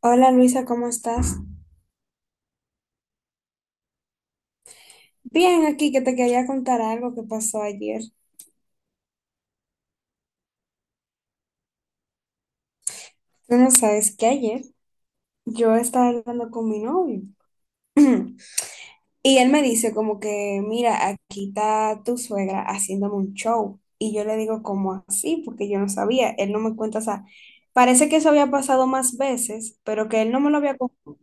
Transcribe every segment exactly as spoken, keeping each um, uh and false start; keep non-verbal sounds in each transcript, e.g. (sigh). Hola Luisa, ¿cómo estás? Bien, aquí que te quería contar algo que pasó ayer. Tú no sabes que ayer yo estaba hablando con mi novio (clears throat) y él me dice como que, mira, aquí está tu suegra haciéndome un show. Y yo le digo como así, porque yo no sabía, él no me cuenta, o sea, parece que eso había pasado más veces, pero que él no me lo había contado.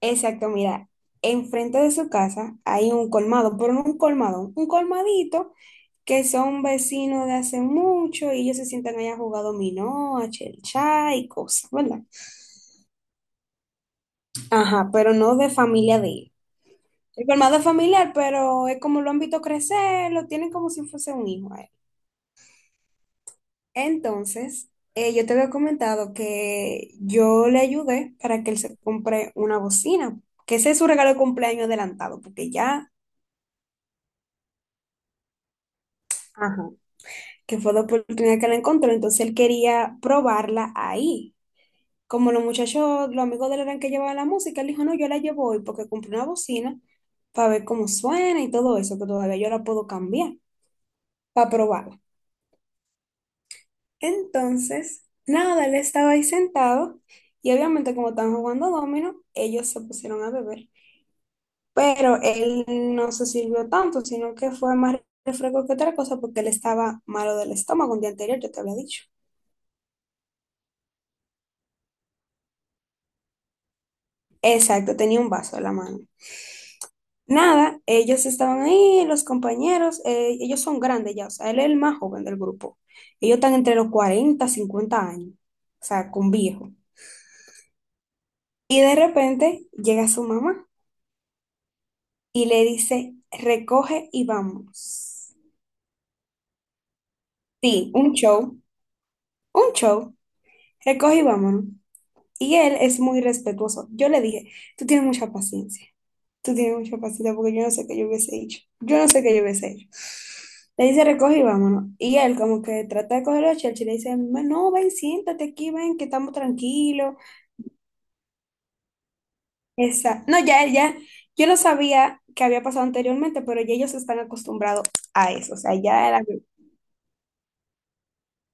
Exacto, mira, enfrente de su casa hay un colmado, pero no un colmado, un colmadito que son vecinos de hace mucho y ellos se sientan allá a jugar dominó, a chelcha y cosas, ¿verdad? Ajá, pero no de familia de él. El colmado es familiar, pero es como lo han visto crecer, lo tienen como si fuese un hijo a él. Entonces, eh, yo te había comentado que yo le ayudé para que él se compre una bocina, que ese es su regalo de cumpleaños adelantado, porque ya... Ajá. Que fue la oportunidad que la encontró, entonces él quería probarla ahí. Como los muchachos, los amigos de él eran que llevaban la música, él dijo, no, yo la llevo hoy porque compré una bocina para ver cómo suena y todo eso, que todavía yo la puedo cambiar para probarla. Entonces, nada, él estaba ahí sentado y obviamente como estaban jugando dominó, ellos se pusieron a beber. Pero él no se sirvió tanto, sino que fue más refresco que otra cosa porque él estaba malo del estómago un día anterior, yo te había dicho. Exacto, tenía un vaso en la mano. Nada, ellos estaban ahí, los compañeros, eh, ellos son grandes ya, o sea, él es el más joven del grupo. Ellos están entre los cuarenta cincuenta años, o sea, con viejo. Y de repente llega su mamá y le dice, recoge y vamos. Sí, un show, un show, recoge y vámonos. Y él es muy respetuoso. Yo le dije, tú tienes mucha paciencia. Tú tienes mucha paciencia porque yo no sé qué yo hubiese hecho. Yo no sé qué yo hubiese hecho. Le dice, recoge y vámonos. Y él como que trata de coger los chelches y le dice, "Ma- no, ven, siéntate aquí, ven, que estamos tranquilos. Esa. No, ya, ya, yo no sabía que había pasado anteriormente, pero ya ellos están acostumbrados a eso. O sea, ya la,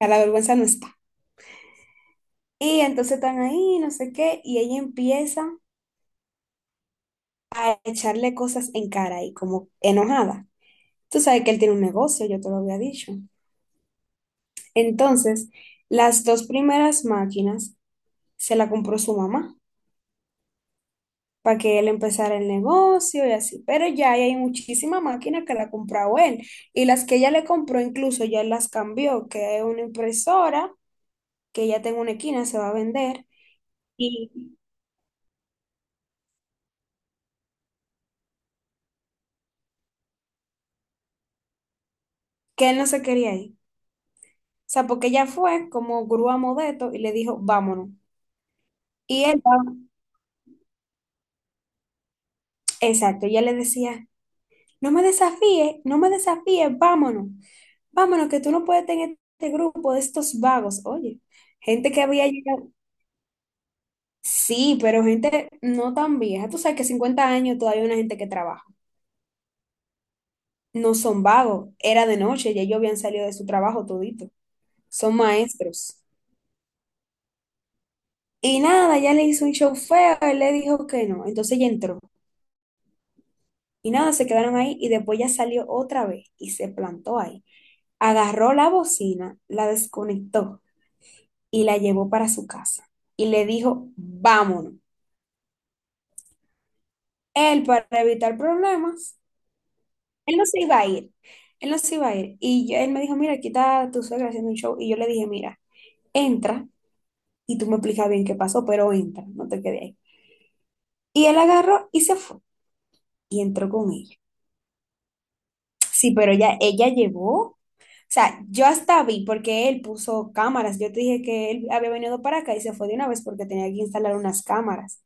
ya la vergüenza no está. Y entonces están ahí, no sé qué, y ella empieza a echarle cosas en cara y como enojada. Tú sabes que él tiene un negocio, yo te lo había dicho. Entonces, las dos primeras máquinas se la compró su mamá para que él empezara el negocio y así. Pero ya hay muchísima máquina que la ha comprado él. Y las que ella le compró, incluso ya él las cambió, que es una impresora, que ya tengo una esquina, se va a vender, y que él no se quería ir. O sea, porque ella fue como grúa modesto y le dijo, vámonos. Y él, va- exacto, ella le decía, no me desafíes, no me desafíes, vámonos. Vámonos, que tú no puedes tener este grupo de estos vagos. Oye, gente que había llegado. Sí, pero gente no tan vieja. Tú sabes que cincuenta años todavía hay una gente que trabaja. No son vagos, era de noche, ya ellos habían salido de su trabajo todito. Son maestros. Y nada, ya le hizo un show feo, él le dijo que no. Entonces ella entró. Y nada, se quedaron ahí y después ya salió otra vez y se plantó ahí. Agarró la bocina, la desconectó y la llevó para su casa y le dijo, vámonos. Él, para evitar problemas, él no se iba a ir, él no se iba a ir. Y yo- él me dijo, mira, aquí está tu suegra haciendo un show. Y yo le dije, mira, entra y tú me explicas bien qué pasó, pero entra, no te quedes ahí. Y él agarró y se fue y entró con ella. Sí, pero ella, ella llevó. O sea, yo hasta vi porque él puso cámaras. Yo te dije que él había venido para acá y se fue de una vez porque tenía que instalar unas cámaras.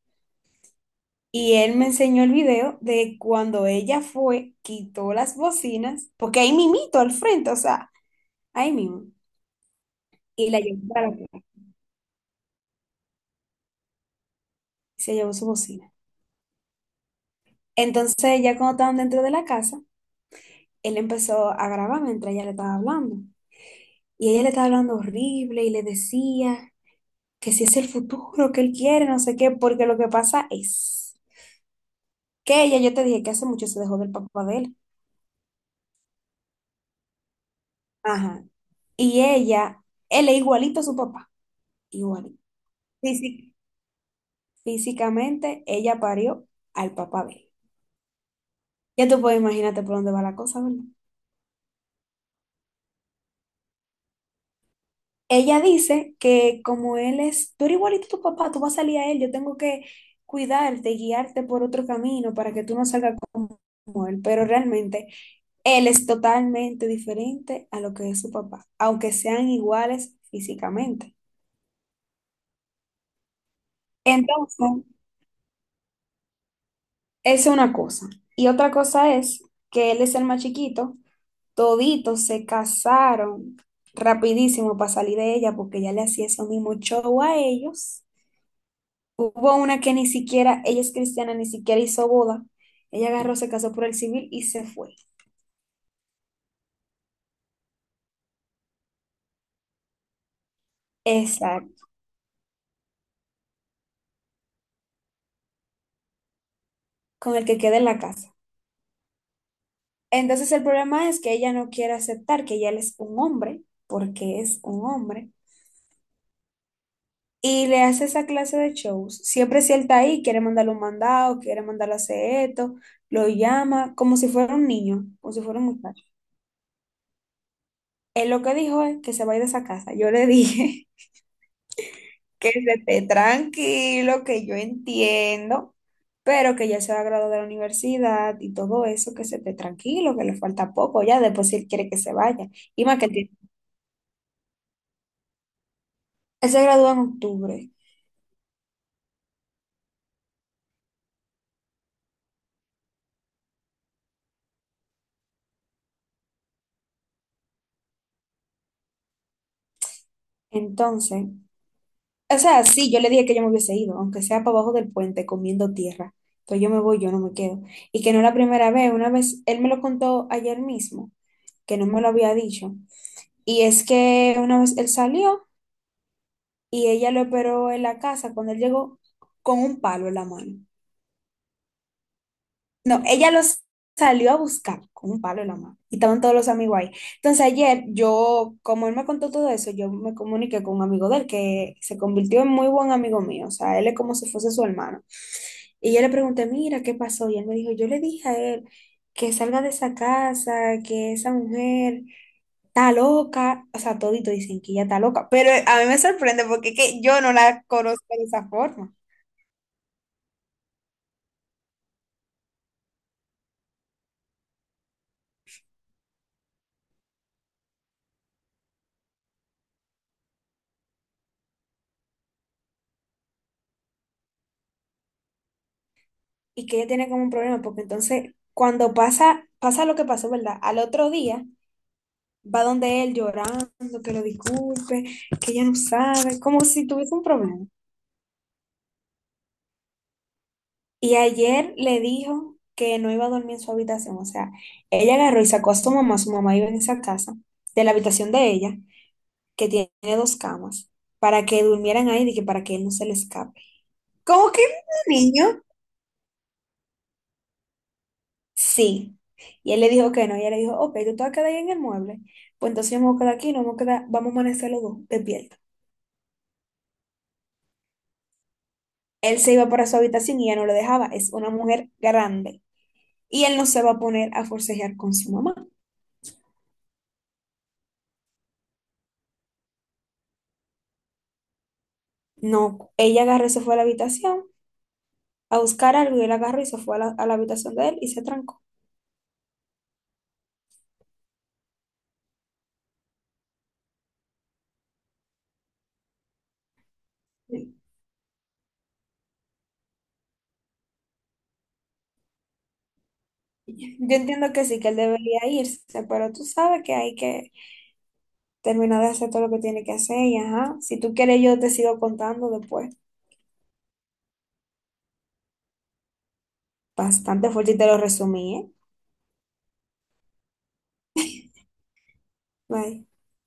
Y él me enseñó el video de cuando ella fue, quitó las bocinas, porque ahí mimito al frente, o sea, ahí mismo, y la llevó para la casa, y se llevó su bocina. Entonces, ya cuando estaban dentro de la casa, él empezó a grabar mientras ella le estaba hablando. Y ella le estaba hablando horrible y le decía que si es el futuro que él quiere, no sé qué, porque lo que pasa es que ella, yo te dije que hace mucho se dejó del papá de él. Ajá. Y ella, él es igualito a su papá, igualito. Sí, sí. Físicamente, ella parió al papá de él. Ya tú puedes imaginarte por dónde va la cosa, ¿verdad? Ella dice que como él es, tú eres igualito a tu papá, tú vas a salir a él, yo tengo que cuidarte, guiarte por otro camino para que tú no salgas como él, pero realmente él es totalmente diferente a lo que es su papá, aunque sean iguales físicamente. Entonces, esa es una cosa. Y otra cosa es que él es el más chiquito. Toditos se casaron rapidísimo para salir de ella porque ella le hacía eso mismo show a ellos. Hubo una que ni siquiera, ella es cristiana, ni siquiera hizo boda. Ella agarró, se casó por el civil y se fue. Exacto, con el que queda en la casa. Entonces el problema es que ella no quiere aceptar que ella él es un hombre, porque es un hombre, y le hace esa clase de shows. Siempre si él está ahí, quiere mandarle un mandado, quiere mandarle a hacer esto, lo llama como si fuera un niño, como si fuera un muchacho. Él lo que dijo es que se va a ir de esa casa. Yo le dije (laughs) que se esté tranquilo, que yo entiendo, pero que ya se va a graduar de la universidad y todo eso, que se esté tranquilo, que le falta poco ya, después si él quiere que se vaya. Y más que él tiene- él se gradúa en octubre. Entonces, o sea, sí, yo le dije que yo me hubiese ido, aunque sea para abajo del puente comiendo tierra. Pero yo me voy, yo no me quedo. Y que no es la primera vez, una vez, él me lo contó ayer mismo, que no me lo había dicho. Y es que una vez él salió y ella lo esperó en la casa cuando él llegó con un palo en la mano. No, ella los salió a buscar con un palo en la mano y estaban todos los amigos ahí. Entonces ayer yo, como él me contó todo eso, yo me comuniqué con un amigo de él que se convirtió en muy buen amigo mío, o sea, él es como si fuese su hermano. Y yo le pregunté, mira, ¿qué pasó? Y él me dijo, yo le dije a él que salga de esa casa, que esa mujer... Está loca, o sea, todito dicen que ella está loca, pero a mí me sorprende porque es que yo no la conozco de esa forma. Y que ella tiene como un problema, porque entonces cuando pasa, pasa lo que pasó, ¿verdad? Al otro día va donde él llorando, que lo disculpe, que ella no sabe, como si tuviese un problema. Y ayer le dijo que no iba a dormir en su habitación, o sea, ella agarró y sacó a su mamá, su mamá vive en esa casa, de la habitación de ella, que tiene dos camas, para que durmieran ahí y que para que él no se le escape. ¿Cómo que un niño? Sí. Y él le dijo que no. Y ella le dijo, ok, tú te vas a quedar ahí en el mueble. Pues entonces vamos a quedar aquí, no vamos a quedar, vamos a amanecer los dos despiertos. Él se iba para su habitación y ella no lo dejaba. Es una mujer grande. Y él no se va a poner a forcejear con su mamá. No. Ella agarró y se fue a la habitación a buscar algo y él agarró y se fue a la, a la, habitación de él y se trancó. Yo entiendo que sí, que él debería irse, pero tú sabes que hay que terminar de hacer todo lo que tiene que hacer y ajá. Si tú quieres, yo te sigo contando después. Bastante fuerte y te lo resumí, ¿eh? Bye.